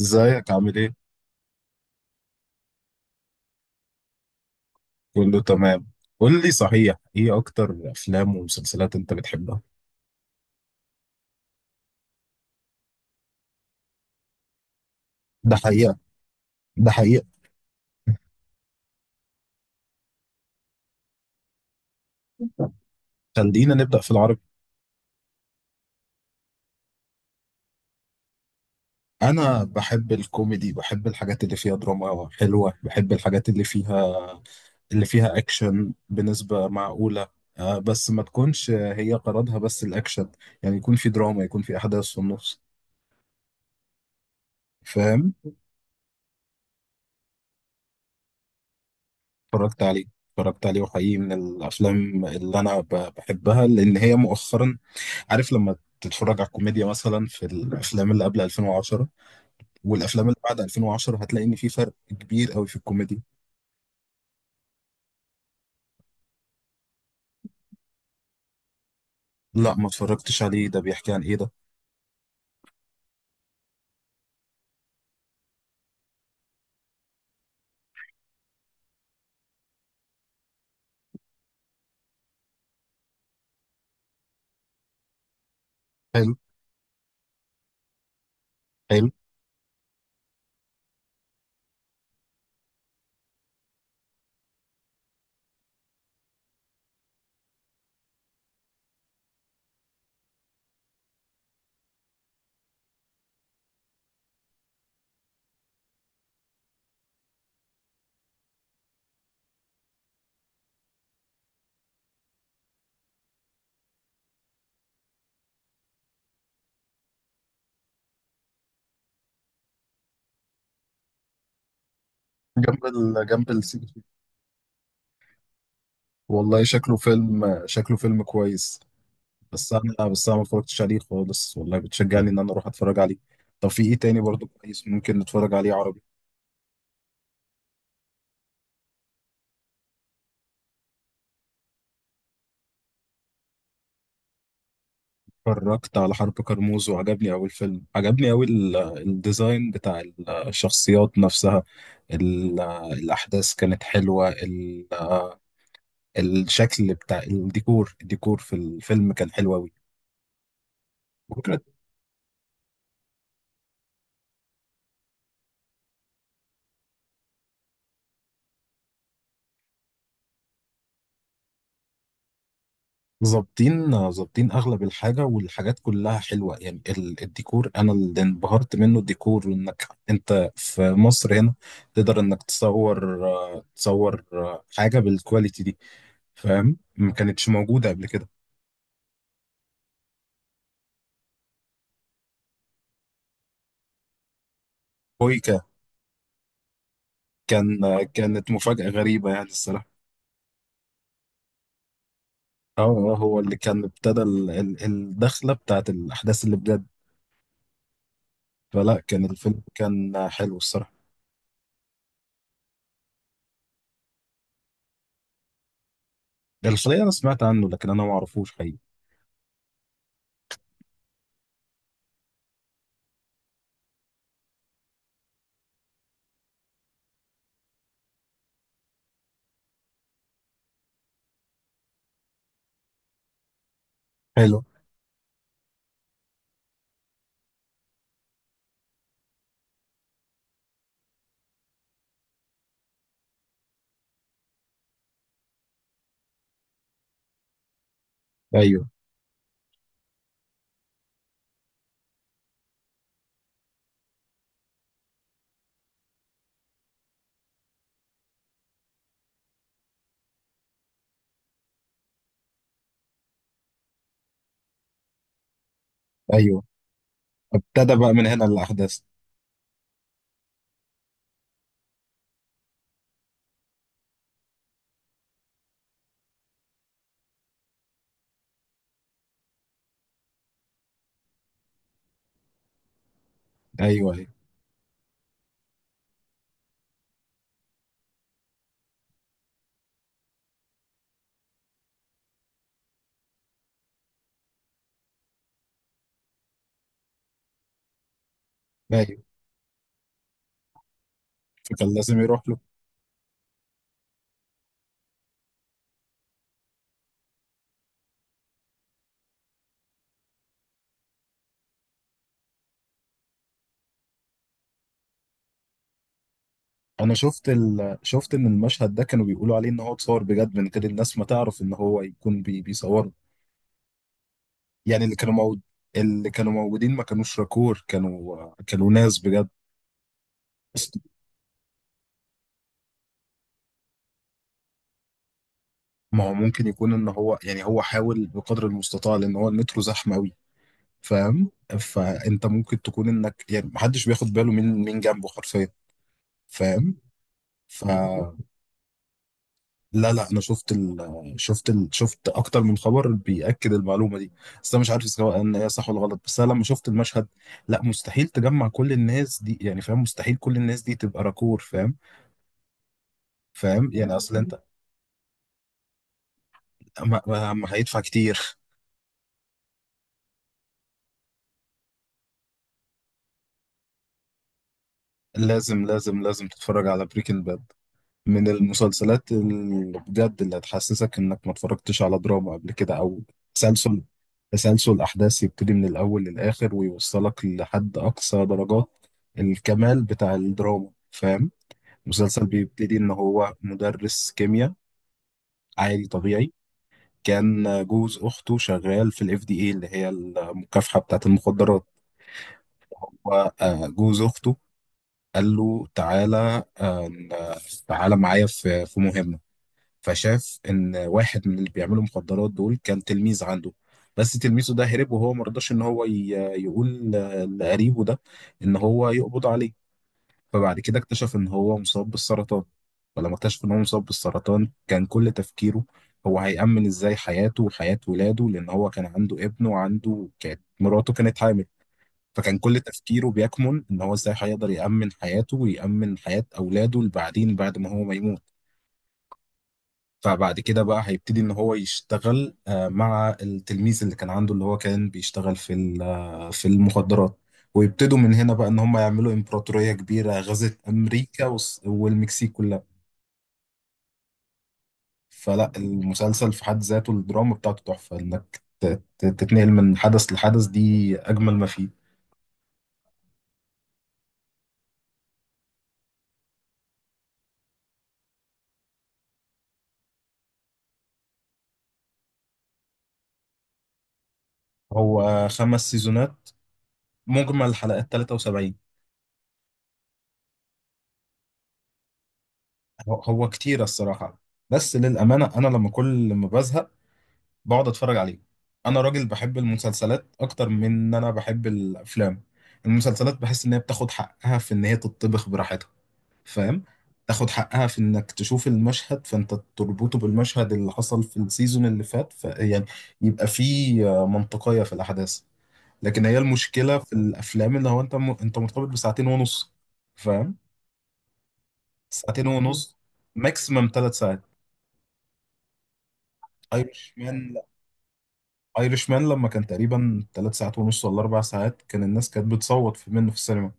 ازيك عامل ايه؟ كله تمام. قول لي صحيح، ايه اكتر افلام ومسلسلات انت بتحبها؟ ده حقيقة. ده حقيقة. خلينا نبدأ في العربي. انا بحب الكوميدي، بحب الحاجات اللي فيها دراما حلوة، بحب الحاجات اللي فيها اكشن بنسبة معقولة. بس ما تكونش هي غرضها بس الاكشن. يعني يكون في دراما، يكون في احداث في النص. فاهم؟ اتفرجت عليه. اتفرجت عليه وحقيقي من الافلام اللي بحبها لان هي مؤخرا. عارف لما تتفرج على الكوميديا مثلا في الافلام اللي قبل 2010، والافلام اللي بعد 2010 هتلاقي ان في فرق كبير قوي في الكوميديا. لا، ما اتفرجتش عليه. ده بيحكي عن ايه ده؟ حلو. حلو. جنب السي جي. والله شكله فيلم كويس. بس انا ما اتفرجتش عليه خالص، والله بتشجعني ان انا اروح اتفرج عليه. طب في ايه تاني برضو كويس ممكن نتفرج عليه عربي؟ اتفرجت على حرب كرموز وعجبني أوي الفيلم، عجبني أوي الديزاين بتاع الشخصيات نفسها. ال- الأحداث كانت حلوة. الشكل بتاع الديكور، الديكور في الفيلم كان حلو أوي. وفكرة... ظابطين أغلب الحاجة، والحاجات كلها حلوة يعني. الديكور أنا اللي انبهرت منه، الديكور. وإنك أنت في مصر هنا تقدر إنك تصور، تصور حاجة بالكواليتي دي. فاهم؟ ما كانتش موجودة قبل كده. كوي. كان... كانت مفاجأة غريبة يعني الصراحة. اه، هو اللي كان ابتدى الدخلة بتاعت الأحداث اللي بجد. فلا كان الفيلم كان حلو الصراحة. الخلية أنا سمعت عنه، لكن أنا ما أعرفوش حقيقي. حلو. أيوه. أيوه. ابتدى بقى من هنا الأحداث. أيوه. أيوه. أيوه. فكان لازم يروح له. أنا شفت ال... إن المشهد ده كانوا بيقولوا عليه إن هو اتصور بجد من غير الناس ما تعرف إن هو يكون بيصوره. يعني اللي كانوا موجود، اللي كانوا موجودين ما كانوش راكور، كانوا ناس بجد. ما هو ممكن يكون ان هو، يعني هو حاول بقدر المستطاع لان هو المترو زحمه قوي. فاهم؟ فانت ممكن تكون انك يعني محدش بياخد باله من جنبه حرفيا. فاهم؟ فلا، لا، لا، انا شفت ال... شفت اكتر من خبر بيأكد المعلومه دي. بس انا مش عارف سواء ان هي صح ولا غلط، بس انا لما شفت المشهد... لا مستحيل تجمع كل الناس دي يعني. فاهم؟ مستحيل كل الناس دي تبقى راكور. فاهم؟ فاهم يعني اصل انت... ما هيدفع كتير. لازم لازم تتفرج على بريكنج باد. من المسلسلات اللي بجد، اللي هتحسسك انك ما اتفرجتش على دراما قبل كده. او تسلسل، احداث يبتدي من الاول للاخر ويوصلك لحد اقصى درجات الكمال بتاع الدراما. فاهم؟ مسلسل بيبتدي ان هو مدرس كيمياء عادي طبيعي. كان جوز اخته شغال في الاف دي اي، اللي هي المكافحة بتاعه المخدرات. وجوز اخته قال له تعالى، تعالى معايا في مهمة. فشاف ان واحد من اللي بيعملوا مخدرات دول كان تلميذ عنده، بس تلميذه ده هرب. وهو ما رضاش ان هو يقول لقريبه ده ان هو يقبض عليه. فبعد كده اكتشف ان هو مصاب بالسرطان. فلما اكتشف ان هو مصاب بالسرطان، كان كل تفكيره هو هيأمن ازاي حياته وحياة ولاده. لان هو كان عنده ابن، وعنده كانت مراته كانت حامل. فكان كل تفكيره بيكمن ان هو ازاي هيقدر يأمن حياته، ويأمن حياة اولاده اللي بعدين بعد ما هو ما يموت. فبعد كده بقى هيبتدي ان هو يشتغل مع التلميذ اللي كان عنده، اللي هو كان بيشتغل في في المخدرات. ويبتدوا من هنا بقى ان هم يعملوا امبراطورية كبيرة غزت امريكا والمكسيك كلها. فلا المسلسل في حد ذاته الدراما بتاعته تحفة. انك تتنقل من حدث لحدث، دي اجمل ما فيه. هو 5 سيزونات، مجمل حلقات 73. هو كتير الصراحة. بس للأمانة أنا لما كل ما بزهق بقعد اتفرج عليه. انا راجل بحب المسلسلات اكتر من ان انا بحب الافلام. المسلسلات بحس ان هي بتاخد حقها في ان هي تطبخ براحتها. فاهم؟ تاخد حقها في انك تشوف المشهد فانت تربطه بالمشهد اللي حصل في السيزون اللي فات، ف يعني يبقى فيه منطقية في الاحداث. لكن هي المشكلة في الافلام اللي هو انت انت مرتبط بساعتين ونص. فاهم؟ ساعتين ونص. ماكسيمم 3 ساعات. ايرش مان. ايرش مان لما كان تقريبا 3 ساعات ونص ولا 4 ساعات، كان الناس كانت بتصوت في منه في السينما.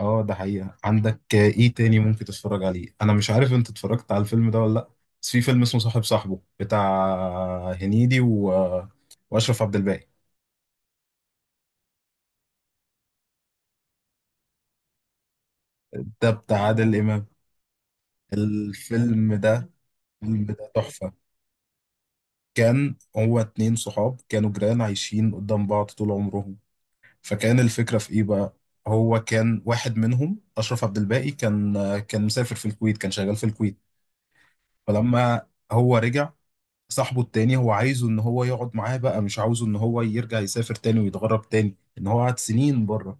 اه، ده حقيقة. عندك ايه تاني ممكن تتفرج عليه؟ انا مش عارف انت اتفرجت على الفيلم ده ولا لا، بس في فيلم اسمه صاحب صاحبه بتاع هنيدي و... واشرف عبد الباقي. ده بتاع عادل امام. الفيلم ده الفيلم ده تحفة. كان هو اتنين صحاب كانوا جيران عايشين قدام بعض طول عمرهم. فكان الفكرة في إيه بقى؟ هو كان واحد منهم أشرف عبد الباقي، كان مسافر في الكويت، كان شغال في الكويت. فلما هو رجع، صاحبه التاني هو عايزه إن هو يقعد معاه بقى، مش عاوزه إن هو يرجع يسافر تاني ويتغرب تاني إن هو قعد سنين بره.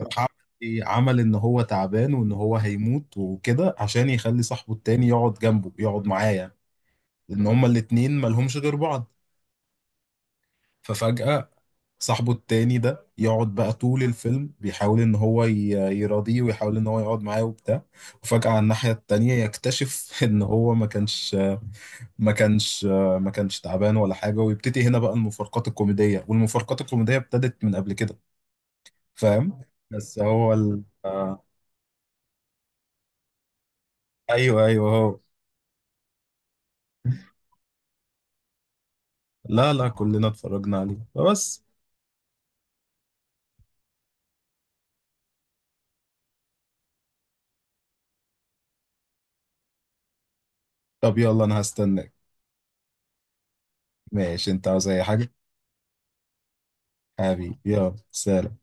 راح عمل إيه؟ عمل إن هو تعبان وإن هو هيموت وكده، عشان يخلي صاحبه التاني يقعد جنبه يقعد معاه يعني. لأن هما الاتنين مالهمش غير بعض. ففجأة صاحبه التاني ده يقعد بقى طول الفيلم بيحاول ان هو يراضيه، ويحاول ان هو يقعد معاه وبتاع. وفجأة على الناحية التانية يكتشف ان هو ما كانش ما كانش تعبان ولا حاجة. ويبتدي هنا بقى المفارقات الكوميدية، والمفارقات الكوميدية ابتدت من قبل كده. فاهم؟ بس هو ال... آه، ايوه. هو. لا لا، كلنا اتفرجنا عليه بس... طب يلا انا هستناك. ماشي، انت عاوز اي حاجة؟ حبيبي يلا سلام.